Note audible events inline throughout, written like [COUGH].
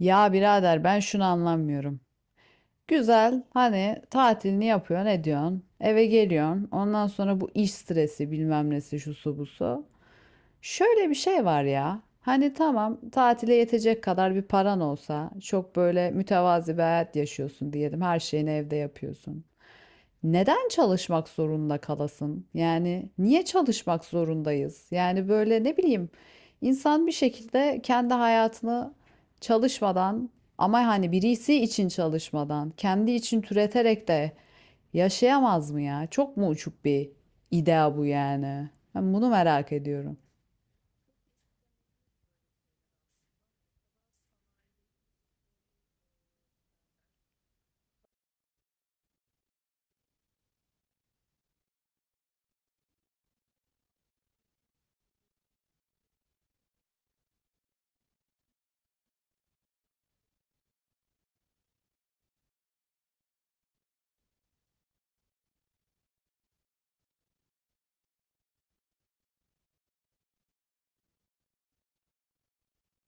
Ya birader ben şunu anlamıyorum. Güzel hani tatilini yapıyorsun ediyorsun eve geliyorsun ondan sonra bu iş stresi bilmem nesi şusu busu. Şöyle bir şey var ya hani tamam tatile yetecek kadar bir paran olsa çok böyle mütevazi bir hayat yaşıyorsun diyelim her şeyini evde yapıyorsun neden çalışmak zorunda kalasın? Yani niye çalışmak zorundayız? Yani böyle ne bileyim insan bir şekilde kendi hayatını çalışmadan ama hani birisi için çalışmadan, kendi için türeterek de yaşayamaz mı ya? Çok mu uçuk bir idea bu yani? Ben bunu merak ediyorum.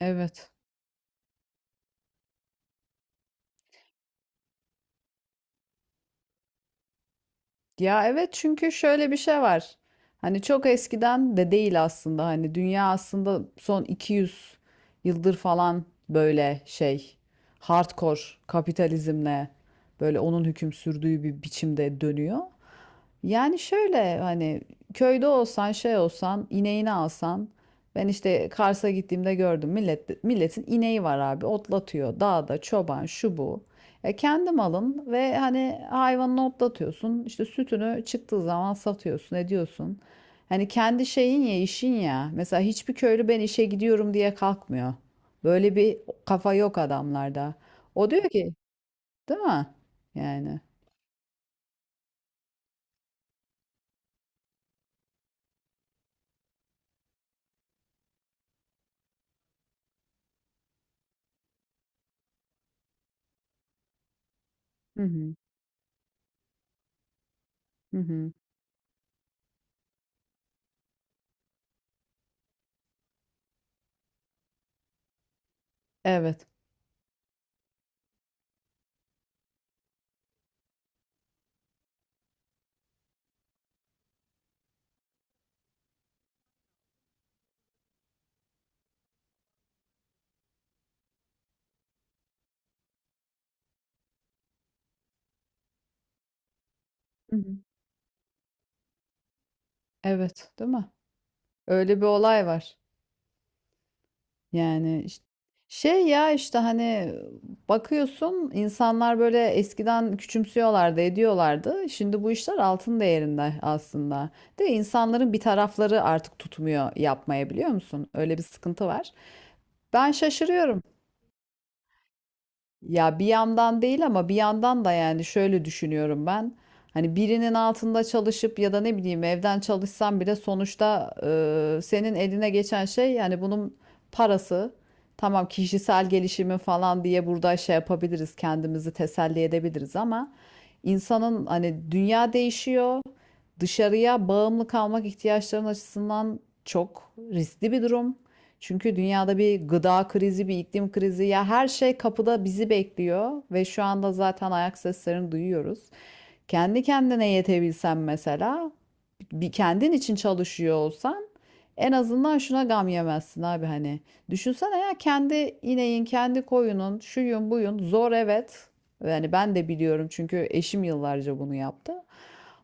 Evet. Ya evet çünkü şöyle bir şey var. Hani çok eskiden de değil aslında hani dünya aslında son 200 yıldır falan böyle şey hardcore kapitalizmle böyle onun hüküm sürdüğü bir biçimde dönüyor. Yani şöyle hani köyde olsan şey olsan ineğini alsan ben işte Kars'a gittiğimde gördüm millet milletin ineği var abi otlatıyor dağda çoban şu bu. E kendi malın ve hani hayvanını otlatıyorsun işte sütünü çıktığı zaman satıyorsun ediyorsun. Hani kendi şeyin ya işin ya mesela hiçbir köylü ben işe gidiyorum diye kalkmıyor. Böyle bir kafa yok adamlarda. O diyor ki değil mi? Yani. Hı hı. Hı hı. Evet. Evet, değil mi? Öyle bir olay var. Yani şey ya işte hani bakıyorsun insanlar böyle eskiden küçümsüyorlardı, ediyorlardı. Şimdi bu işler altın değerinde aslında. De insanların bir tarafları artık tutmuyor yapmaya biliyor musun? Öyle bir sıkıntı var. Ben şaşırıyorum. Ya bir yandan değil ama bir yandan da yani şöyle düşünüyorum ben. Hani birinin altında çalışıp ya da ne bileyim evden çalışsam bile sonuçta senin eline geçen şey yani bunun parası. Tamam kişisel gelişimin falan diye burada şey yapabiliriz kendimizi teselli edebiliriz ama insanın hani dünya değişiyor. Dışarıya bağımlı kalmak ihtiyaçların açısından çok riskli bir durum. Çünkü dünyada bir gıda krizi, bir iklim krizi ya her şey kapıda bizi bekliyor ve şu anda zaten ayak seslerini duyuyoruz. Kendi kendine yetebilsen mesela, bir kendin için çalışıyor olsan en azından şuna gam yemezsin abi hani. Düşünsene ya kendi ineğin, kendi koyunun, şuyun buyun zor evet. Yani ben de biliyorum çünkü eşim yıllarca bunu yaptı.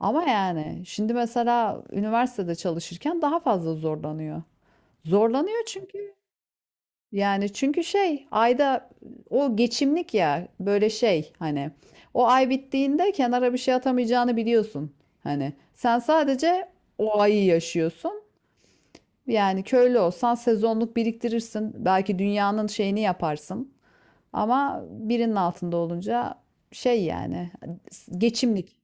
Ama yani şimdi mesela üniversitede çalışırken daha fazla zorlanıyor. Zorlanıyor çünkü yani çünkü şey ayda o geçimlik ya böyle şey hani o ay bittiğinde kenara bir şey atamayacağını biliyorsun. Hani sen sadece o ayı yaşıyorsun. Yani köylü olsan sezonluk biriktirirsin. Belki dünyanın şeyini yaparsın. Ama birinin altında olunca şey yani geçimlik.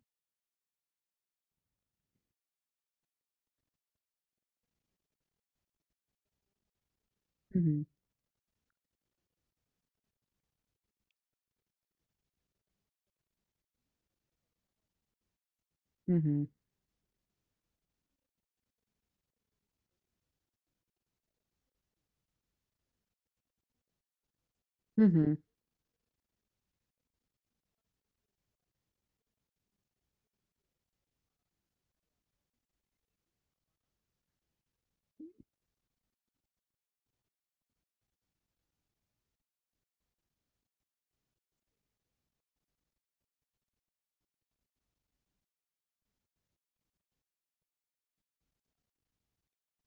Hı hı. Hı hı. Hı hı.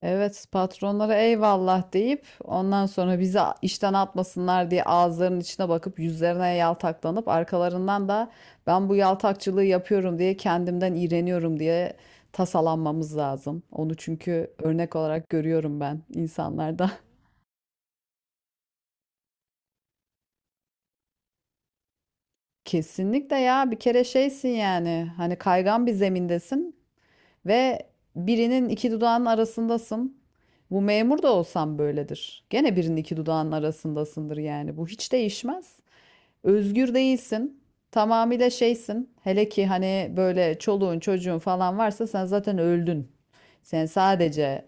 Evet, patronlara eyvallah deyip ondan sonra bizi işten atmasınlar diye ağızlarının içine bakıp yüzlerine yaltaklanıp arkalarından da ben bu yaltakçılığı yapıyorum diye kendimden iğreniyorum diye tasalanmamız lazım. Onu çünkü örnek olarak görüyorum ben insanlarda. [LAUGHS] Kesinlikle ya bir kere şeysin yani hani kaygan bir zemindesin. Ve birinin iki dudağının arasındasın. Bu memur da olsan böyledir. Gene birinin iki dudağının arasındasındır yani. Bu hiç değişmez. Özgür değilsin. Tamamıyla şeysin. Hele ki hani böyle çoluğun çocuğun falan varsa sen zaten öldün. Sen sadece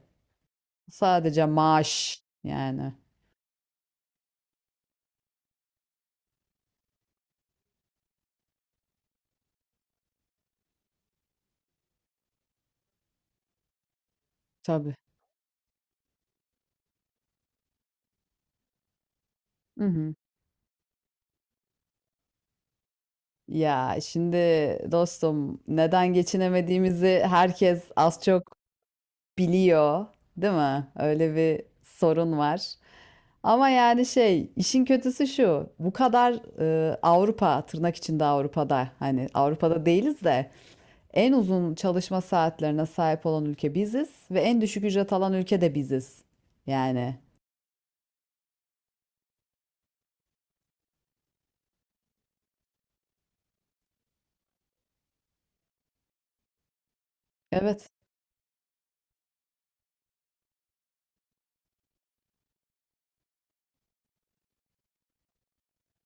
sadece maaş yani. Tabii. Hı hı. Ya şimdi dostum neden geçinemediğimizi herkes az çok biliyor, değil mi? Öyle bir sorun var. Ama yani şey, işin kötüsü şu. Bu kadar Avrupa, tırnak içinde Avrupa'da, hani Avrupa'da değiliz de en uzun çalışma saatlerine sahip olan ülke biziz ve en düşük ücret alan ülke de biziz. Yani evet,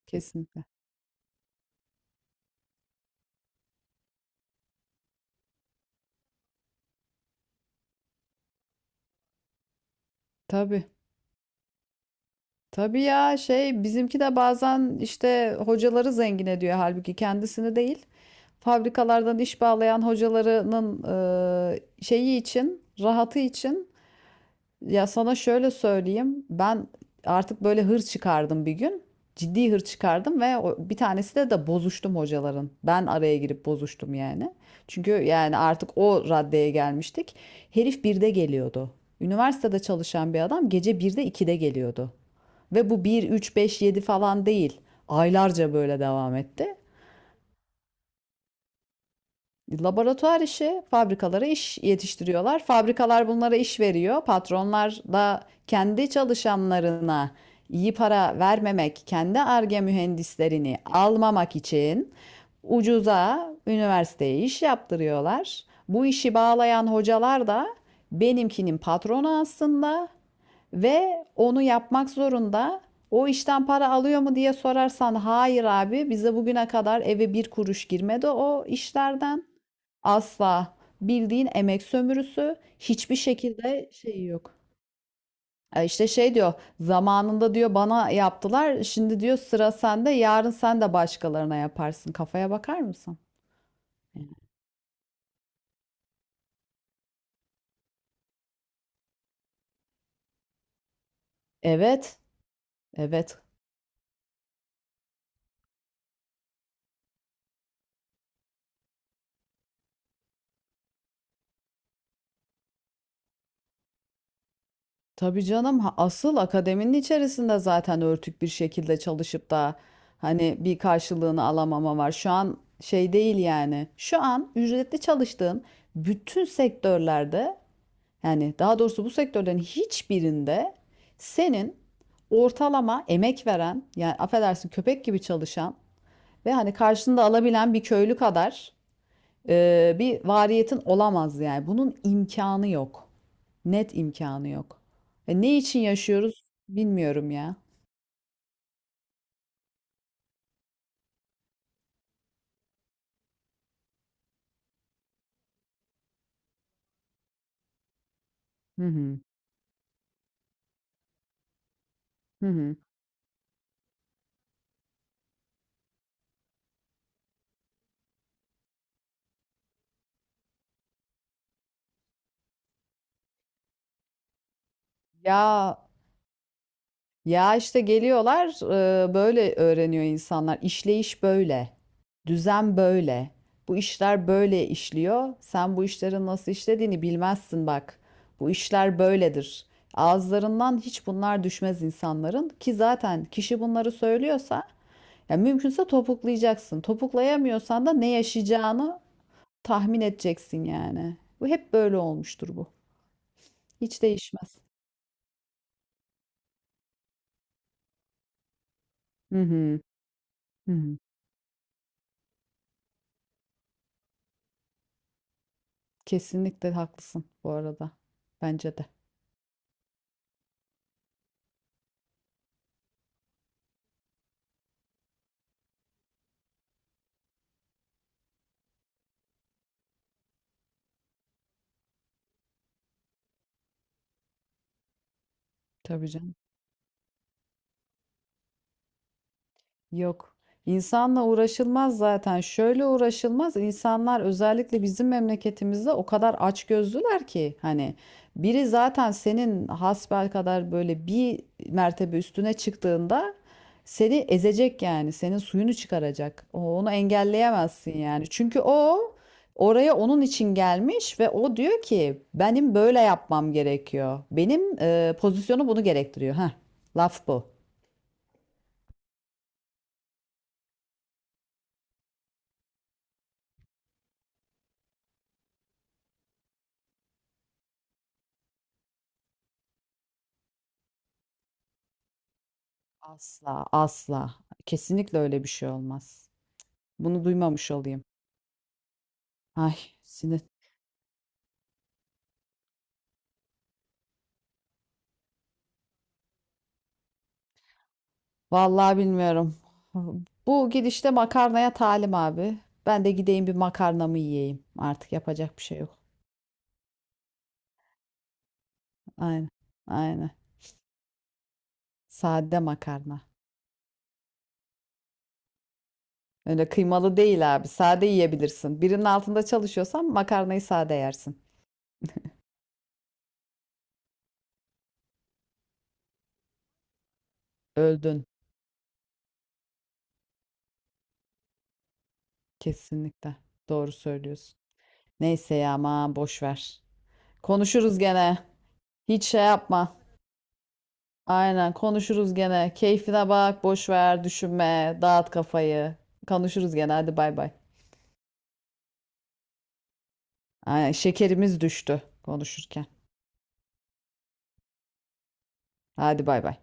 kesinlikle. Tabii. Tabii ya şey bizimki de bazen işte hocaları zengin ediyor halbuki kendisini değil. Fabrikalardan iş bağlayan hocalarının şeyi için, rahatı için ya sana şöyle söyleyeyim. Ben artık böyle hır çıkardım bir gün. Ciddi hır çıkardım ve bir tanesi de bozuştum hocaların. Ben araya girip bozuştum yani. Çünkü yani artık o raddeye gelmiştik. Herif birde geliyordu. Üniversitede çalışan bir adam gece birde ikide geliyordu. Ve bu bir 3 5 7 falan değil. Aylarca böyle devam etti. Laboratuvar işi, fabrikalara iş yetiştiriyorlar. Fabrikalar bunlara iş veriyor. Patronlar da kendi çalışanlarına iyi para vermemek, kendi Ar-Ge mühendislerini almamak için ucuza üniversiteye iş yaptırıyorlar. Bu işi bağlayan hocalar da benimkinin patronu aslında ve onu yapmak zorunda. O işten para alıyor mu diye sorarsan hayır abi bize bugüne kadar eve bir kuruş girmedi o işlerden. Asla. Bildiğin emek sömürüsü hiçbir şekilde şeyi yok. E İşte şey diyor zamanında diyor bana yaptılar şimdi diyor sıra sende yarın sen de başkalarına yaparsın kafaya bakar mısın? Evet evet tabii canım ha, asıl akademinin içerisinde zaten örtük bir şekilde çalışıp da hani bir karşılığını alamama var şu an şey değil yani şu an ücretli çalıştığın bütün sektörlerde. Yani daha doğrusu bu sektörlerin hiçbirinde senin ortalama emek veren, yani affedersin köpek gibi çalışan ve hani karşında alabilen bir köylü kadar bir variyetin olamaz yani. Bunun imkanı yok. Net imkanı yok. E, ne için yaşıyoruz bilmiyorum ya. Hı hı. Hı hı. Ya Ya işte geliyorlar böyle öğreniyor insanlar. İşleyiş böyle. Düzen böyle. Bu işler böyle işliyor. Sen bu işlerin nasıl işlediğini bilmezsin bak. Bu işler böyledir. Ağızlarından hiç bunlar düşmez insanların ki zaten kişi bunları söylüyorsa ya mümkünse topuklayacaksın. Topuklayamıyorsan da ne yaşayacağını tahmin edeceksin yani. Bu hep böyle olmuştur bu. Hiç değişmez. Hı hı. Hı hı. Kesinlikle haklısın bu arada. Bence de. Tabii canım. Yok. İnsanla uğraşılmaz zaten. Şöyle uğraşılmaz. İnsanlar özellikle bizim memleketimizde o kadar açgözlüler ki hani biri zaten senin hasbelkader böyle bir mertebe üstüne çıktığında seni ezecek yani. Senin suyunu çıkaracak. Onu engelleyemezsin yani. Çünkü o oraya onun için gelmiş ve o diyor ki benim böyle yapmam gerekiyor. Benim pozisyonu bunu gerektiriyor. Heh, laf bu. Asla, asla. Kesinlikle öyle bir şey olmaz. Bunu duymamış olayım. Ay, sinir. Vallahi bilmiyorum. [LAUGHS] Bu gidişte makarnaya talim abi. Ben de gideyim bir makarnamı yiyeyim. Artık yapacak bir şey yok. Aynen, aynen. Sade makarna. Öyle kıymalı değil abi. Sade yiyebilirsin. Birinin altında çalışıyorsan makarnayı sade yersin. Öldün. Kesinlikle. Doğru söylüyorsun. Neyse ya aman boş ver. Konuşuruz gene. Hiç şey yapma. Aynen konuşuruz gene. Keyfine bak, boş ver, düşünme, dağıt kafayı. Konuşuruz gene. Hadi bay bay. Aynen şekerimiz düştü konuşurken. Hadi bay bay.